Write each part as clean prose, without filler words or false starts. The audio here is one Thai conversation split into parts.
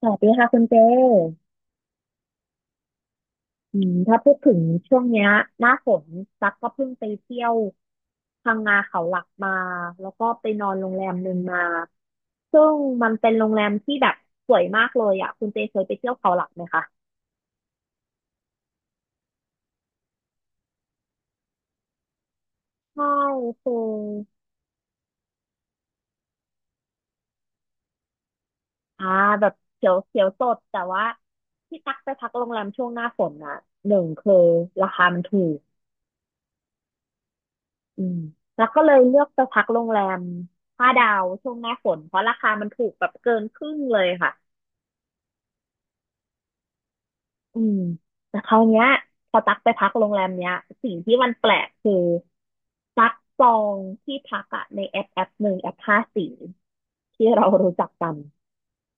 สวัสดีค่ะคุณเจถ้าพูดถึงช่วงเนี้ยหน้าฝนตั๊กก็เพิ่งไปเที่ยวพังงาเขาหลักมาแล้วก็ไปนอนโรงแรมหนึ่งมาซึ่งมันเป็นโรงแรมที่แบบสวยมากเลยอ่ะคุณเจเคยไปเที่ยวเขาหลักไหมคะใช่เคออ่าแบบเขียวเขียวสดแต่ว่าที่ตั๊กไปพักโรงแรมช่วงหน้าฝนนะหนึ่งคือราคามันถูก อืมแล้วก็เลยเลือกจะพักโรงแรมห้าดาวช่วงหน้าฝนเพราะราคามันถูกแบบเกินครึ่งเลยค่ะอืมแต่คราวเนี้ยพอตักไปพักโรงแรมเนี้ยสิ่งที่มันแปลกคือตักจองที่พักอะในแอปหนึ่งแอปห้าสีที่เรารู้จักกัน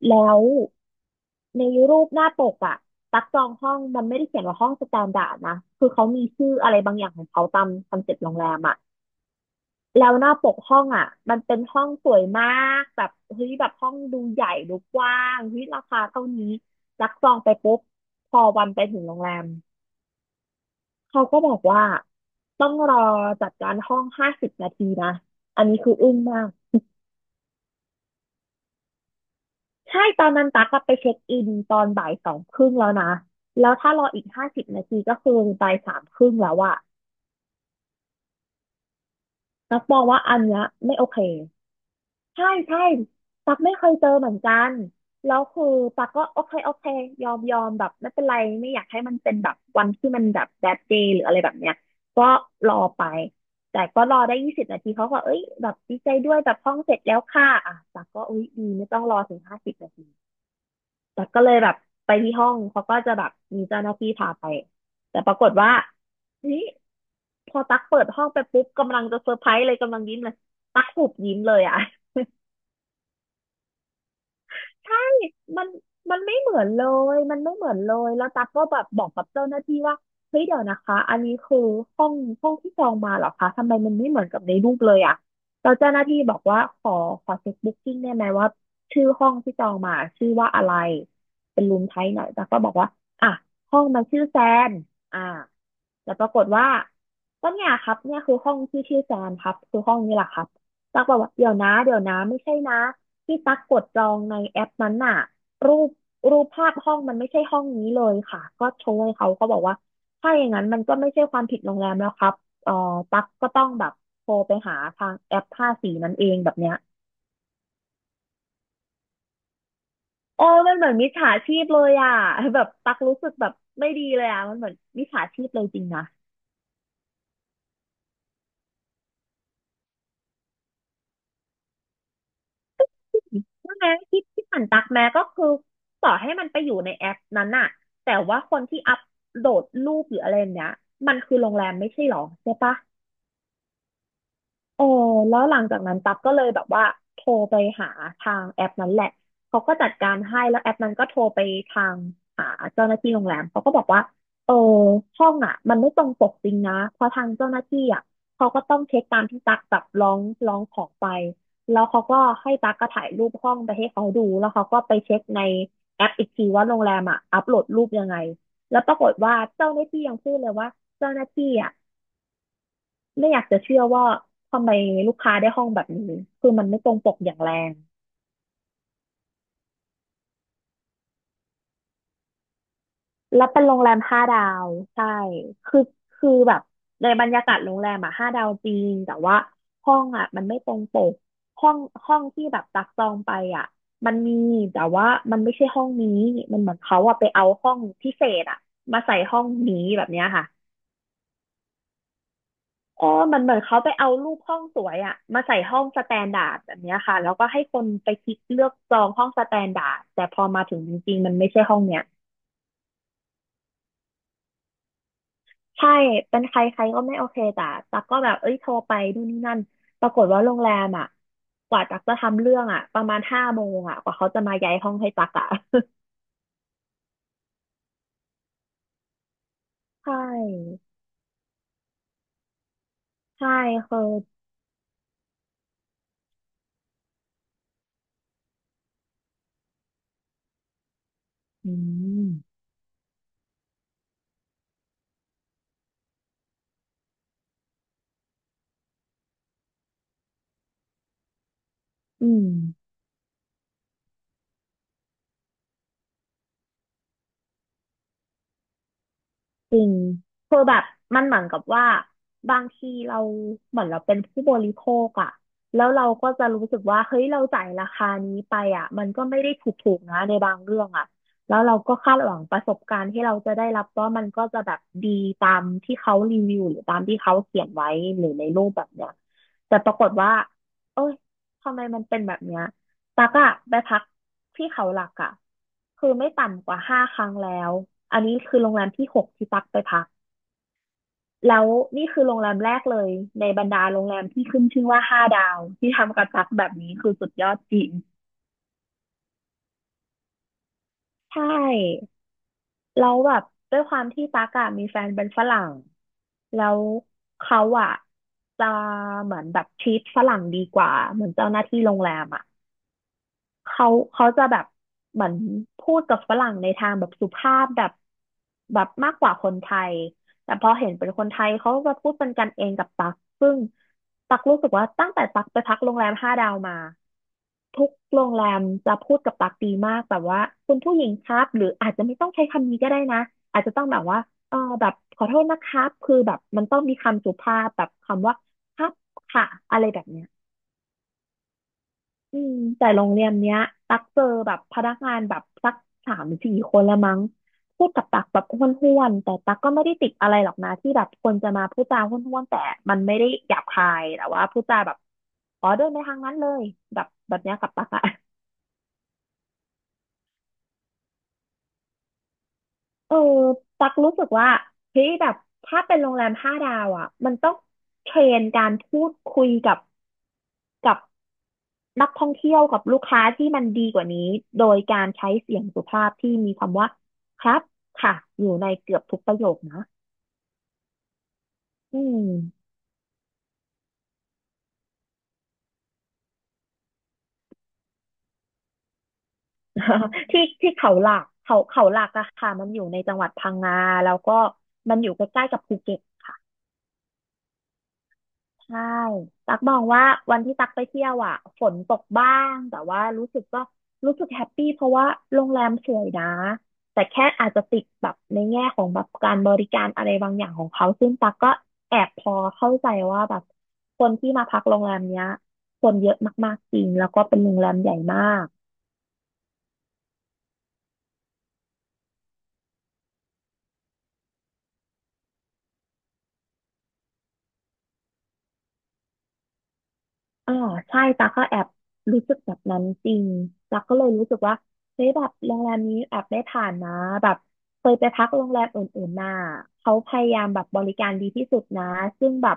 แล้วในรูปหน้าปกอะตักจองห้องมันไม่ได้เขียนว่าห้องสแตนดาร์ดนะคือเขามีชื่ออะไรบางอย่างของเขาตามคอนเซ็ปต์โรงแรมอะ แล้วหน้าปกห้องอ่ะมันเป็นห้องสวยมากแบบเฮ้ยแบบห้องดูใหญ่ดูกว้างเฮ้ยราคาเท่านี้รักจองไปปุ๊บพอวันไปถึงโรงแรมเขาก็บอกว่าต้องรอจัดการห้องห้าสิบนาทีนะอันนี้คืออึ้งมากใช่ตอนนั้นตั๊กอะไปเช็คอินตอนบ่ายสองครึ่งแล้วนะแล้วถ้ารออีกห้าสิบนาทีก็คือบ่ายสามครึ่งแล้วอะตั๊กมองว่าอันเนี้ยไม่โอเค ใช่ใช่ตักไม่เคยเจอเหมือนกันแล้วคือตักก็โอเคโอเคยอมยอมแบบไม่เป็นไรไม่อยากให้มันเป็นแบบวันที่มันแบบ bad day หรืออะไรแบบเนี้ยก็รอไปแต่ก็รอได้20 นาทีเขาก็เอ้ยแบบดีใจด้วยแบบห้องเสร็จแล้วค่ะอ่ะตักก็อุ้ยดีไม่ต้องรอถึงห้าสิบนาทีแตักก็เลยแบบไปที่ห้องเขาก็จะแบบมีเจ้าหน้าที่พาไปแต่ปรากฏว่าเฮ้ยพอตักเปิดห้องไปปุ๊บกำลังจะเซอร์ไพรส์เลยกำลังยิ้มเลยตักหุบยิ้มเลยอ่ะ ใช่มันมันไม่เหมือนเลย มันไม่เหมือนเลย แล้วตั๊กก็แบบบอกกับเจ้าหน้าที่ว่าเฮ้ยเดี๋ยวนะคะอันนี้คือห้องห้องที่จองมาเหรอคะทำไมมันไม่เหมือนกับในรูปเลยอะแล้วเจ้าหน้าที่บอกว่าขอเช็คบุ๊กกิ้งได้ไหมว่าชื่อห้องที่จองมาชื่อว่าอะไรเป็นรูมไทป์ไหน่อยตั๊กก็บอกว่าอ่ะห้องมันชื่อแซนอ่าแล้วปรากฏว่าก็เนี่ยครับเนี่ยคือห้องที่ชื่อแซนครับคือห้องนี้แหละครับตักบอกว่าเดี๋ยวนะเดี๋ยวนะไม่ใช่นะ ที่ตักกดจองในแอปนั้นน่ะรูปรูปภาพห้องมันไม่ใช่ห้องนี้เลยค่ะก็โชว์ให้เขาเขาบอกว่าถ้าอย่างนั้นมันก็ไม่ใช่ความผิดโรงแรมแล้วครับเอ่อตักก็ต้องแบบโทรไปหาทางแอปภาสีนั้นเองแบบเนี้ยโอ้มันเหมือนมิจฉาชีพเลยอ่ะแบบตักรู้สึกแบบไม่ดีเลยอ่ะมันเหมือนมิจฉาชีพเลยจริงนะใช่ไหมที่ที่ผ่านตักแม้ก็คือต่อให้มันไปอยู่ในแอปนั้นน่ะแต่ว่าคนที่อัปโหลดรูปหรืออะไรเนี้ยมันคือโรงแรมไม่ใช่หรอใช่ปะ เออแล้วหลังจากนั้นตั๊กก็เลยแบบว่าโทรไปหาทางแอปนั้นแหละเขาก็จัดการให้แล้วแอปนั้นก็โทรไปทางหาเจ้าหน้าที่โรงแรมเขาก็บอกว่าเออห้องอ่ะมันไม่ตรงปกจริงนะเพราะทางเจ้าหน้าที่อ่ะเขาก็ต้องเช็คตามที่ตั๊กแบบร้องขอไปแล้วเขาก็ให้ตั๊กก็ถ่ายรูปห้องไปให้เขาดูแล้วเขาก็ไปเช็คในแอปอีกทีว่าโรงแรมอ่ะอัปโหลดรูปยังไงแล้วปรากฏว่าเจ้าหน้าที่ยังพูดเลยว่าเจ้าหน้าที่อ่ะ ไม่อยากจะเชื่อว่าทำไมลูกค้าได้ห้องแบบนี้คือมันไม่ตรงปกอย่างแรง แล้วเป็นโรงแรม5 ดาวใช่คือคือแบบในบรรยากาศโรงแรมอะห้าดาวจริงแต่ว่าห้องอะมันไม่ตรงปกห้องห้องที่แบบตักจองไปอะมันมีแต่ว่ามันไม่ใช่ห้องนี้มันเหมือนเขาอะไปเอาห้องพิเศษอะมาใส่ห้องนี้แบบเนี้ยค่ะ อ๋อมันเหมือนเขาไปเอารูปห้องสวยอะมาใส่ห้องสแตนดาร์ดแบบเนี้ยค่ะ แล้วก็ให้คนไปคลิกเลือกจองห้องสแตนดาร์ดแต่พอมาถึงจริงๆมันไม่ใช่ห้องเนี้ยใช่ เป็นใครใครก็ไม่โอเคแต่ตักก็แบบเอ้ยโทรไปนู่นนี่นั่นปรากฏว่าโรงแรมอะกว่าตักจะทำเรื่องอะประมาณห้าโมงอะกว่าเขาจะมาย้ายห้องให้ตักอะ ใช่ใช่คืออืมอืม จริงคือแบบมันเหมือนกับว่าบางทีเราเหมือนเราเป็นผู้บริโภคอะแล้วเราก็จะรู้สึกว่าเฮ้ยเราจ่ายราคานี้ไปอะมันก็ไม่ได้ถูกๆนะในบางเรื่องอะแล้วเราก็คาดหวังประสบการณ์ที่เราจะได้รับว่ามันก็จะแบบดีตามที่เขารีวิวหรือตามที่เขาเขียนไว้หรือในรูปแบบเนี้ยแต่ปรากฏว่าเอ้ยทำไมมันเป็นแบบเนี้ยตักอะไปพัก ที่เขาหลักอ่ะคือไม่ต่ำกว่าห้าครั้งแล้วอันนี้คือโรงแรมที่หกที่ตักไปพักแล้วนี่คือโรงแรมแรกเลยในบรรดาโรงแรมที่ขึ้นชื่อว่าห้าดาวที่ทำกับตักแบบนี้คือสุดยอดจริงใช่แล้วแบบด้วยความที่ตั๊กอะมีแฟนเป็นฝรั่งแล้วเขาอะจะเหมือนแบบทรีตฝรั่งดีกว่าเหมือนเจ้าหน้าที่โรงแรมอะ เขาเขาจะแบบเหมือนพูดกับฝรั่งในทางแบบสุภาพแบบแบบมากกว่าคนไทยแต่พอเห็นเป็นคนไทยเขาก็พูดเป็นกันเองกับตักซึ่งตักรู้สึกว่าตั้งแต่ตักไปพักโรงแรมห้าดาวมาทุกโรงแรมจะพูดกับตักดีมากแบบว่าคุณผู้หญิงครับหรืออาจจะไม่ต้องใช้คำนี้ก็ได้นะอาจจะต้องแบบว่าแบบขอโทษนะครับคือแบบมันต้องมีคำสุภาพแบบคำว่าครับค่ะอะไรแบบเนี้ย อืมแต่โรงเรียนเนี้ยตักเจอแบบพนักงานแบบสักสามสี่คนละมั้งพูดกับตักแบบห้วนๆแต่ตักก็ไม่ได้ติดอะไรหรอกนะที่แบบคนจะมาพูดจาห้วนๆแต่มันไม่ได้หยาบคายแต่ว่าพูดจาแบบอ๋อเดินไปทางนั้นเลยแบบเนี้ยกับตักอะ เออตักรู้สึกว่าเฮ้ยแบบถ้าเป็นโรงแรมห้าดาวอ่ะมันต้องเทรนการพูดคุยกับนักท่องเที่ยวกับลูกค้าที่มันดีกว่านี้โดยการใช้เสียงสุภาพที่มีคำว่าครับค่ะอยู่ในเกือบทุกประโยคนะอืม ที่ที่เขาหลักเขาเขาหลักอะค่ะมันอยู่ในจังหวัดพังงาแล้วก็มันอยู่ใกล้ๆกับภูเก็ต ใช่ ตักมองว่าวันที่ตักไปเที่ยวอ่ะ ฝนตกบ้าง แต่ว่ารู้สึกก็รู้สึกแฮปปี้เพราะว่าโรงแรมสวยนะแต่แค่อาจจะติดแบบในแง่ของแบบการบริการอะไรบางอย่างของเขาซึ่งตักก็แอบพอเข้าใจว่าแบบคนที่มาพักโรงแรมเนี้ยคนเยอะมากๆจริงแล้วก็เป็นโรงแรมใหญ่มาก อ๋อใช่ตาก็แอบรู้สึกแบบนั้นจริงตาก็เลยรู้สึกว่าเฮ้ยแบบโรงแรมนี้แอบได้ผ่านนะแบบเคยไปพักโรงแรมอื่นๆมาเขาพยายามแบบบริการดีที่สุดนะซึ่งแบบ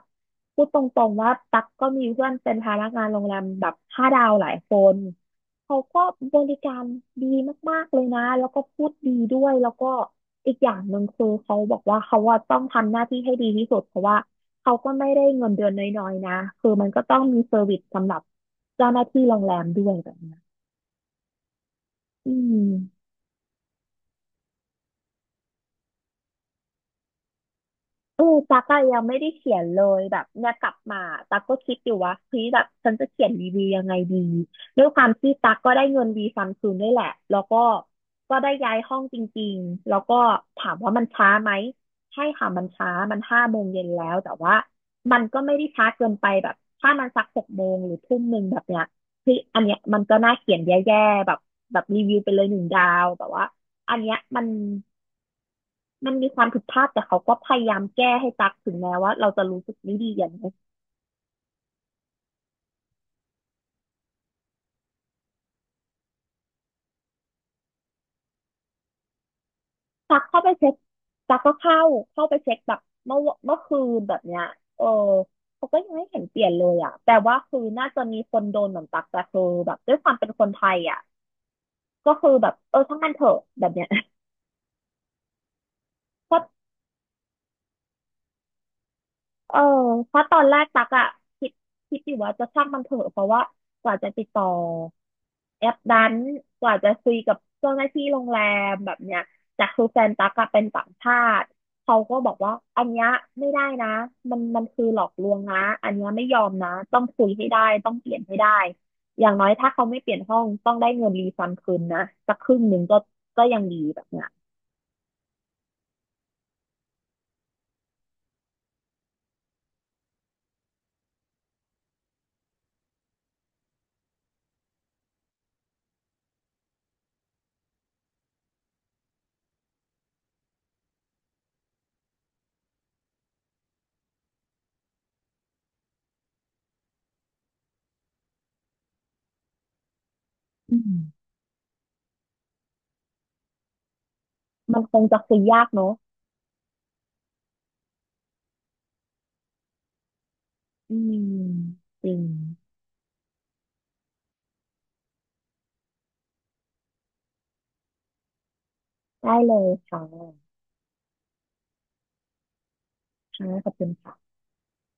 พูดตรงๆว่าตักก็มีเพื่อนเป็นพนักงานโรงแรมแบบห้าดาวหลายคนเขาก็บริการดีมากๆเลยนะแล้วก็พูดดีด้วยแล้วก็อีกอย่างหนึ่งคือเขาบอกว่าเขาว่าต้องทำหน้าที่ให้ดีที่สุดเพราะว่า เขาก็ไม่ได้เงินเดือนน้อยๆนะ คือมันก็ต้องมีเซอร์วิสสำหรับเจ้าหน้าที่โรงแรมด้วยแบบเนี้ยอืม เออตั๊กอะยังไม่ได้เขียนเลยแบบเนี่ยกลับมาตั๊กก็คิดอยู่ว่าเฮ้ยแบบฉันจะเขียนรีวิวยังไงดีด้วยความที่ตั๊กก็ได้เงินดีซัมซุงด้วยแหละแล้วก็ก็ได้ย้ายห้องจริงๆแล้วก็ถามว่ามันช้าไหมใช่ค่ะมันช้ามันห้าโมงเย็นแล้วแต่ว่ามันก็ไม่ได้ช้าเกินไปแบบถ้ามันสักหกโมงหรือทุ่มหนึ่งแบบเนี้ยคืออันเนี้ยมันก็น่าเขียนแย่ๆแบบแบบรีวิวไปเลยหนึ่งดาวแต่ว่าอันเนี้ยมัน มันมีความผิดพลาดแต่เขาก็พยายามแก้ให้ตักถึงแม้ว่าเราจะรู้สึกไม่ดีอย่างนี้ตักเข้าไปเช็คตักก็เข้าไปเช็คแบบเมื่อเมื่อคืนแบบเนี้ยเออเขาก็ยังไม่เห็นเปลี่ยนเลยอ่ะแต่ว่าคือน่าจะมีคนโดนเหมือนตักแต่คือแบบด้วยความเป็นคนไทยอ่ะก็คือแบบเออช่างมันเถอะแบบเนี้ย พอ เออเพราะตอนแรกตักอะคิดคิดอยู่ว่าจะช่างมันเถอะเพราะว่ากว่าจะติดต่อแอปนั้นกว่าจะคุยกับเจ้าหน้าที่โรงแรมแบบเนี้ยแต่คือแฟนตักอะเป็นต่างชาติเขาก็บอกว่าอันเนี้ยไม่ได้นะมันคือหลอกลวงนะอันเนี้ยไม่ยอมนะต้องคุยให้ได้ต้องเปลี่ยนให้ได้อย่างน้อยถ้าเขาไม่เปลี่ยนห้องต้องได้เงินรีฟันคืนนะสักครึ่งหนึ่งก็ก็ยังดีแบบเนี้ยอืมมันคงจะคุยยากเนอะอืมจริง ได้เลยค่ะค่ะขอบคุณค่ะ